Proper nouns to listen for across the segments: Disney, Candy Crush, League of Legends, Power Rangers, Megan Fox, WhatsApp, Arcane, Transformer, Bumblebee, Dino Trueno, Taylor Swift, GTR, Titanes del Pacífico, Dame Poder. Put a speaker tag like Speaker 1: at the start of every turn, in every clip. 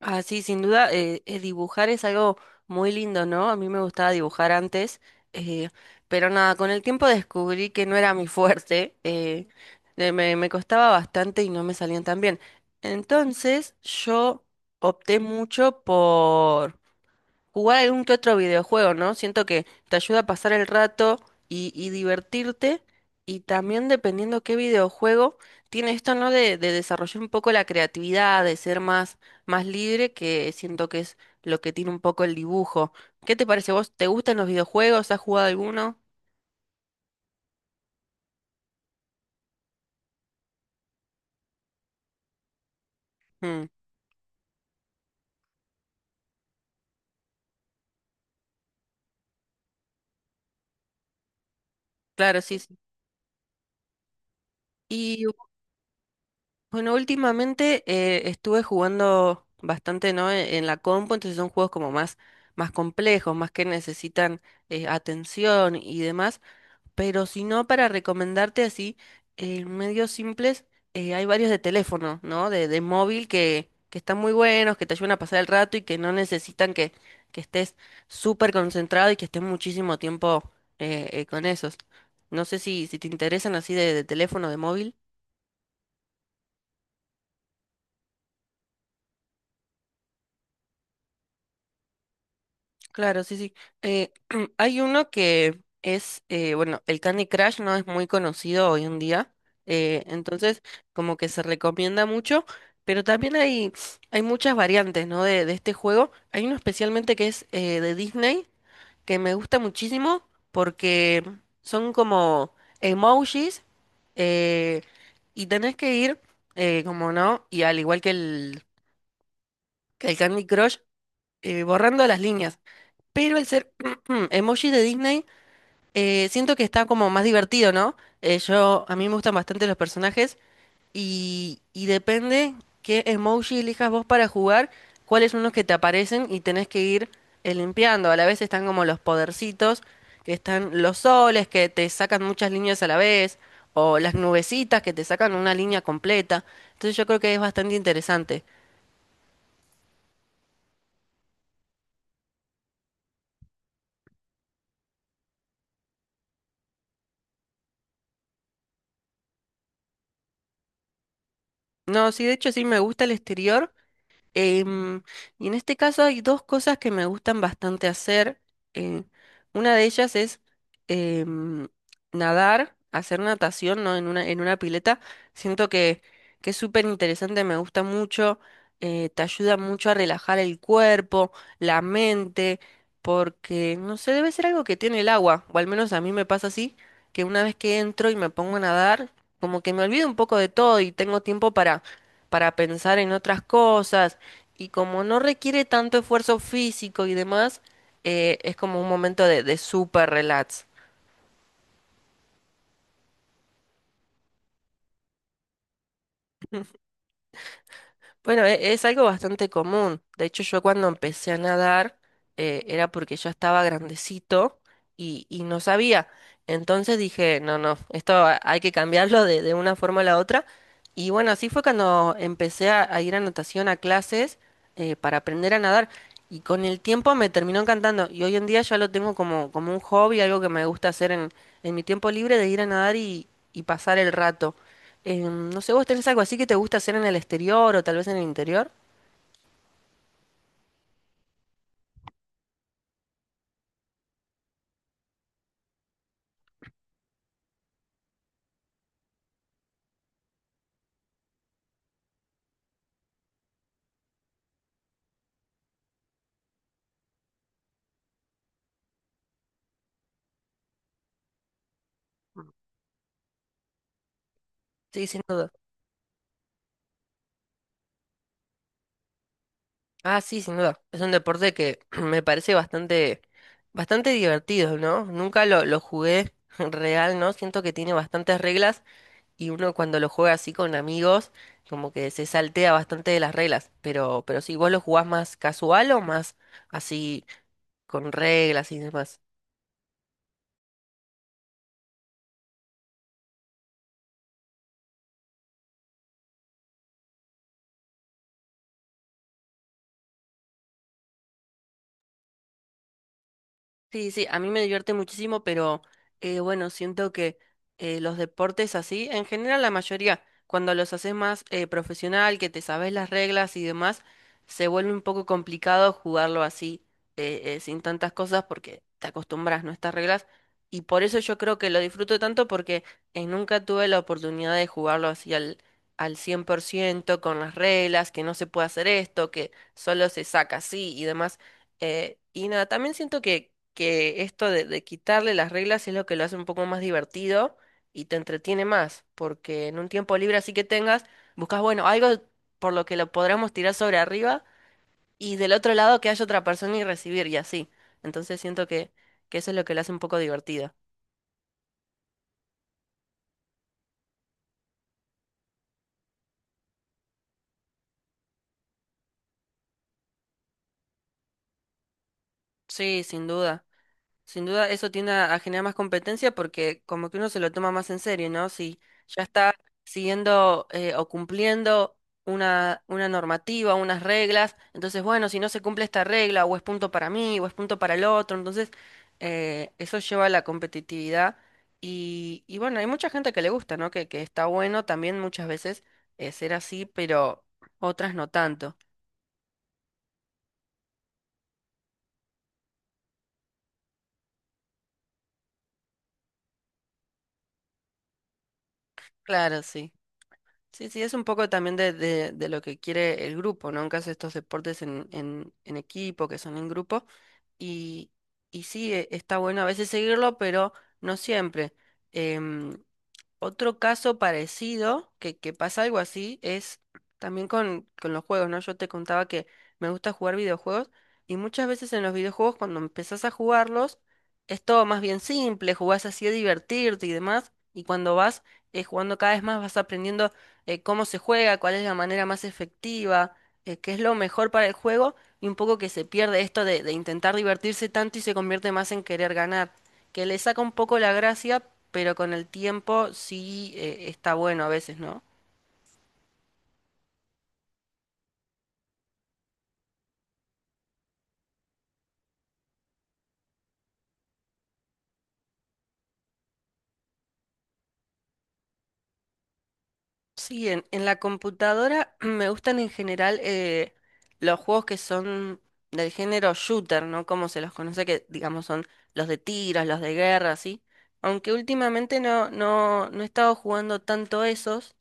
Speaker 1: Ah, sí, sin duda, dibujar es algo muy lindo, ¿no? A mí me gustaba dibujar antes, eh, pero nada, con el tiempo descubrí que no era mi fuerte, me costaba bastante y no me salían tan bien. Entonces yo opté mucho por jugar algún que otro videojuego, ¿no? Siento que te ayuda a pasar el rato y divertirte. Y también dependiendo qué videojuego, tiene esto, ¿no? De desarrollar un poco la creatividad, de ser más libre, que siento que es lo que tiene un poco el dibujo. ¿Qué te parece? ¿Vos te gustan los videojuegos? ¿Has jugado alguno? Mm, claro, sí, sí. Bueno, últimamente estuve jugando bastante, ¿no? En la compu, entonces son juegos como más complejos, más que necesitan atención y demás. Pero si no, para recomendarte así, medios simples, hay varios de teléfono, ¿no? De móvil que están muy buenos, que te ayudan a pasar el rato y que no necesitan que estés súper concentrado y que estés muchísimo tiempo con esos. No sé si te interesan así de teléfono, de móvil. Claro, sí, sí. Eh, Hay uno que es, bueno, el Candy Crush no es muy conocido hoy en día, entonces como que se recomienda mucho, pero también hay muchas variantes, ¿no? De este juego. Hay uno especialmente que es de Disney, que me gusta muchísimo porque son como emojis eh, y tenés que ir, como no, y al igual que el Candy Crush, borrando las líneas. Pero el ser emoji de Disney, siento que está como más divertido, ¿no? A mí me gustan bastante los personajes y depende qué emoji elijas vos para jugar, cuáles son los que te aparecen y tenés que ir limpiando. A la vez están como los podercitos, que están los soles, que te sacan muchas líneas a la vez, o las nubecitas que te sacan una línea completa. Entonces yo creo que es bastante interesante. No, sí, de hecho sí me gusta el exterior. Em, y en este caso hay dos cosas que me gustan bastante hacer. eh, una de ellas es em, nadar, hacer natación, ¿no? En una pileta. Siento que es súper interesante, me gusta mucho, te ayuda mucho a relajar el cuerpo, la mente, porque, no sé, debe ser algo que tiene el agua, o al menos a mí me pasa así, que una vez que entro y me pongo a nadar, como que me olvido un poco de todo y tengo tiempo para pensar en otras cosas y como no requiere tanto esfuerzo físico y demás, es como un momento de super relax. Bueno, es algo bastante común. De hecho, yo cuando empecé a nadar era porque yo estaba grandecito y no sabía. Entonces dije, no, no, esto hay que cambiarlo de una forma a la otra. Y bueno, así fue cuando empecé a ir a natación, a clases para aprender a nadar. Y con el tiempo me terminó encantando. Y hoy en día ya lo tengo como un hobby, algo que me gusta hacer en mi tiempo libre de ir a nadar y pasar el rato. No sé, ¿vos tenés algo así que te gusta hacer en el exterior o tal vez en el interior? Sí, sin duda. Ah, sí, sin duda. Es un deporte que me parece bastante, bastante divertido, ¿no? Nunca lo jugué real, ¿no? Siento que tiene bastantes reglas y uno cuando lo juega así con amigos, como que se saltea bastante de las reglas. Pero sí, ¿vos lo jugás más casual o más así con reglas y demás? Sí, sí, a mí me divierte muchísimo, pero bueno, siento que los deportes así, en general la mayoría, cuando los haces más profesional, que te sabes las reglas y demás, se vuelve un poco complicado jugarlo así, sin tantas cosas, porque te acostumbras, ¿no? A estas reglas. Y por eso yo creo que lo disfruto tanto, porque nunca tuve la oportunidad de jugarlo así al 100% con las reglas, que no se puede hacer esto, que solo se saca así y demás. Y nada, también siento que esto de quitarle las reglas es lo que lo hace un poco más divertido y te entretiene más, porque en un tiempo libre así que tengas, buscas, bueno, algo por lo que lo podamos tirar sobre arriba y del otro lado que haya otra persona y recibir y así. Entonces siento que eso es lo que lo hace un poco divertido. Sí, sin duda. Sin duda eso tiende a generar más competencia porque como que uno se lo toma más en serio, ¿no? Si ya está siguiendo o cumpliendo una normativa, unas reglas, entonces bueno, si no se cumple esta regla o es punto para mí o es punto para el otro, entonces eso lleva a la competitividad y bueno, hay mucha gente que le gusta, ¿no? Que está bueno también muchas veces ser así, pero otras no tanto. Claro, sí. Sí, sí, es un poco también de lo que quiere el grupo, ¿no? En caso de estos deportes en equipo, que son en grupo, y, y sí, está bueno a veces seguirlo, pero no siempre. Em, Otro caso parecido, que pasa algo así, es también con los juegos, ¿no? Yo te contaba que me gusta jugar videojuegos y muchas veces en los videojuegos cuando empezás a jugarlos es todo más bien simple, jugás así a divertirte y demás, y cuando vas jugando cada vez más vas aprendiendo cómo se juega, cuál es la manera más efectiva, qué es lo mejor para el juego y un poco que se pierde esto de intentar divertirse tanto y se convierte más en querer ganar que le saca un poco la gracia, pero con el tiempo sí está bueno a veces, ¿no? Sí, en la computadora me gustan en general los juegos que son del género shooter, ¿no? Como se los conoce, que digamos son los de tiros, los de guerra, ¿sí? Aunque últimamente no he estado jugando tanto esos,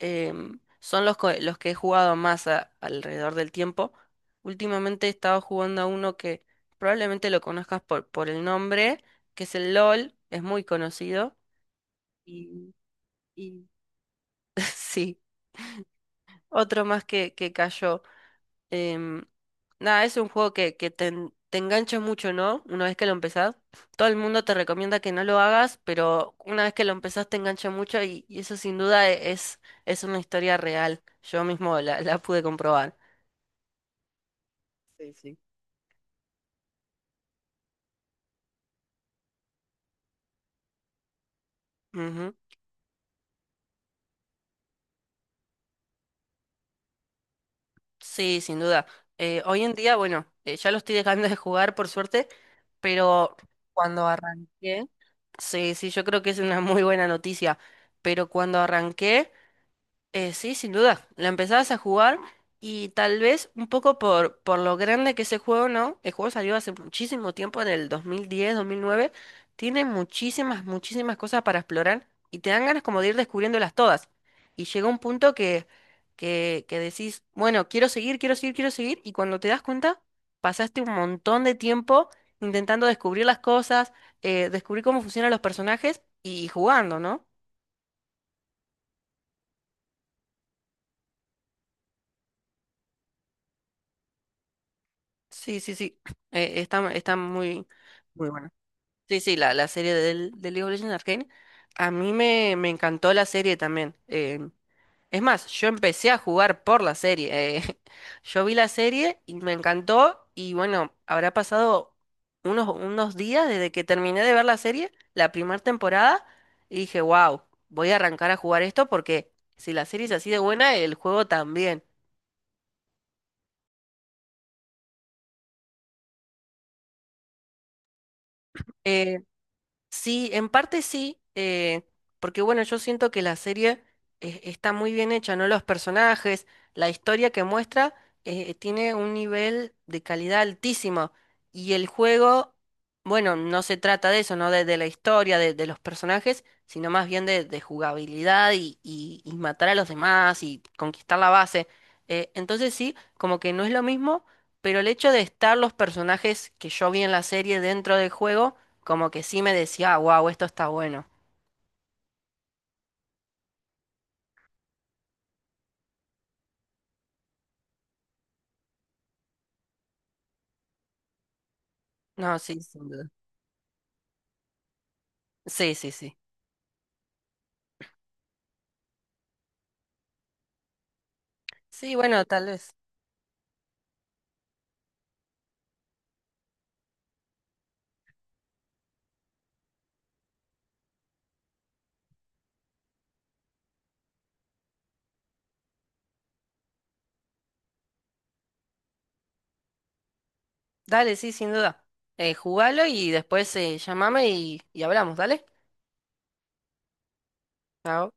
Speaker 1: son los que he jugado más alrededor del tiempo. Últimamente he estado jugando a uno que probablemente lo conozcas por el nombre, que es el LOL, es muy conocido. Y, y... Sí. Otro más que cayó. Em, Nada, es un juego que te engancha mucho, ¿no? Una vez que lo empezás. Todo el mundo te recomienda que no lo hagas, pero una vez que lo empezás te engancha mucho y eso sin duda es una historia real. Yo mismo la pude comprobar. Sí, sí. Ujú. Sí, sin duda. Hoy en día, bueno, ya lo estoy dejando de jugar por suerte, pero cuando arranqué, sí, sí, yo creo que es una muy buena noticia, pero cuando arranqué... Sí, sin duda. La empezabas a jugar y tal vez un poco por lo grande que es el juego, ¿no? El juego salió hace muchísimo tiempo, en el 2010, 2009. Tiene muchísimas, muchísimas cosas para explorar y te dan ganas como de ir descubriéndolas todas. Y llega un punto que decís, bueno, quiero seguir, quiero seguir, quiero seguir. Y cuando te das cuenta, pasaste un montón de tiempo intentando descubrir las cosas, descubrir cómo funcionan los personajes y jugando, ¿no? Sí, sí, sí. Está muy, muy buena. Sí, sí, la serie de League of Legends Arcane. A mí me encantó la serie también. Es más, yo empecé a jugar por la serie. Yo vi la serie y me encantó. Y bueno, habrá pasado unos días desde que terminé de ver la serie, la primera temporada, y dije, wow, voy a arrancar a jugar esto porque si la serie es así de buena, el juego también. Eh, Sí, en parte sí, porque bueno, yo siento que la serie está muy bien hecha, ¿no? Los personajes, la historia que muestra tiene un nivel de calidad altísimo y el juego, bueno, no se trata de eso, ¿no? De la historia, de los personajes, sino más bien de jugabilidad y matar a los demás y conquistar la base. Entonces sí, como que no es lo mismo, pero el hecho de estar los personajes que yo vi en la serie dentro del juego como que sí me decía, wow, esto está bueno. No, sí, sin duda. Sí, sí, sí. Sí, bueno, tal vez. Dale, sí, sin duda. Jugalo y después llámame y hablamos, ¿dale? Chao.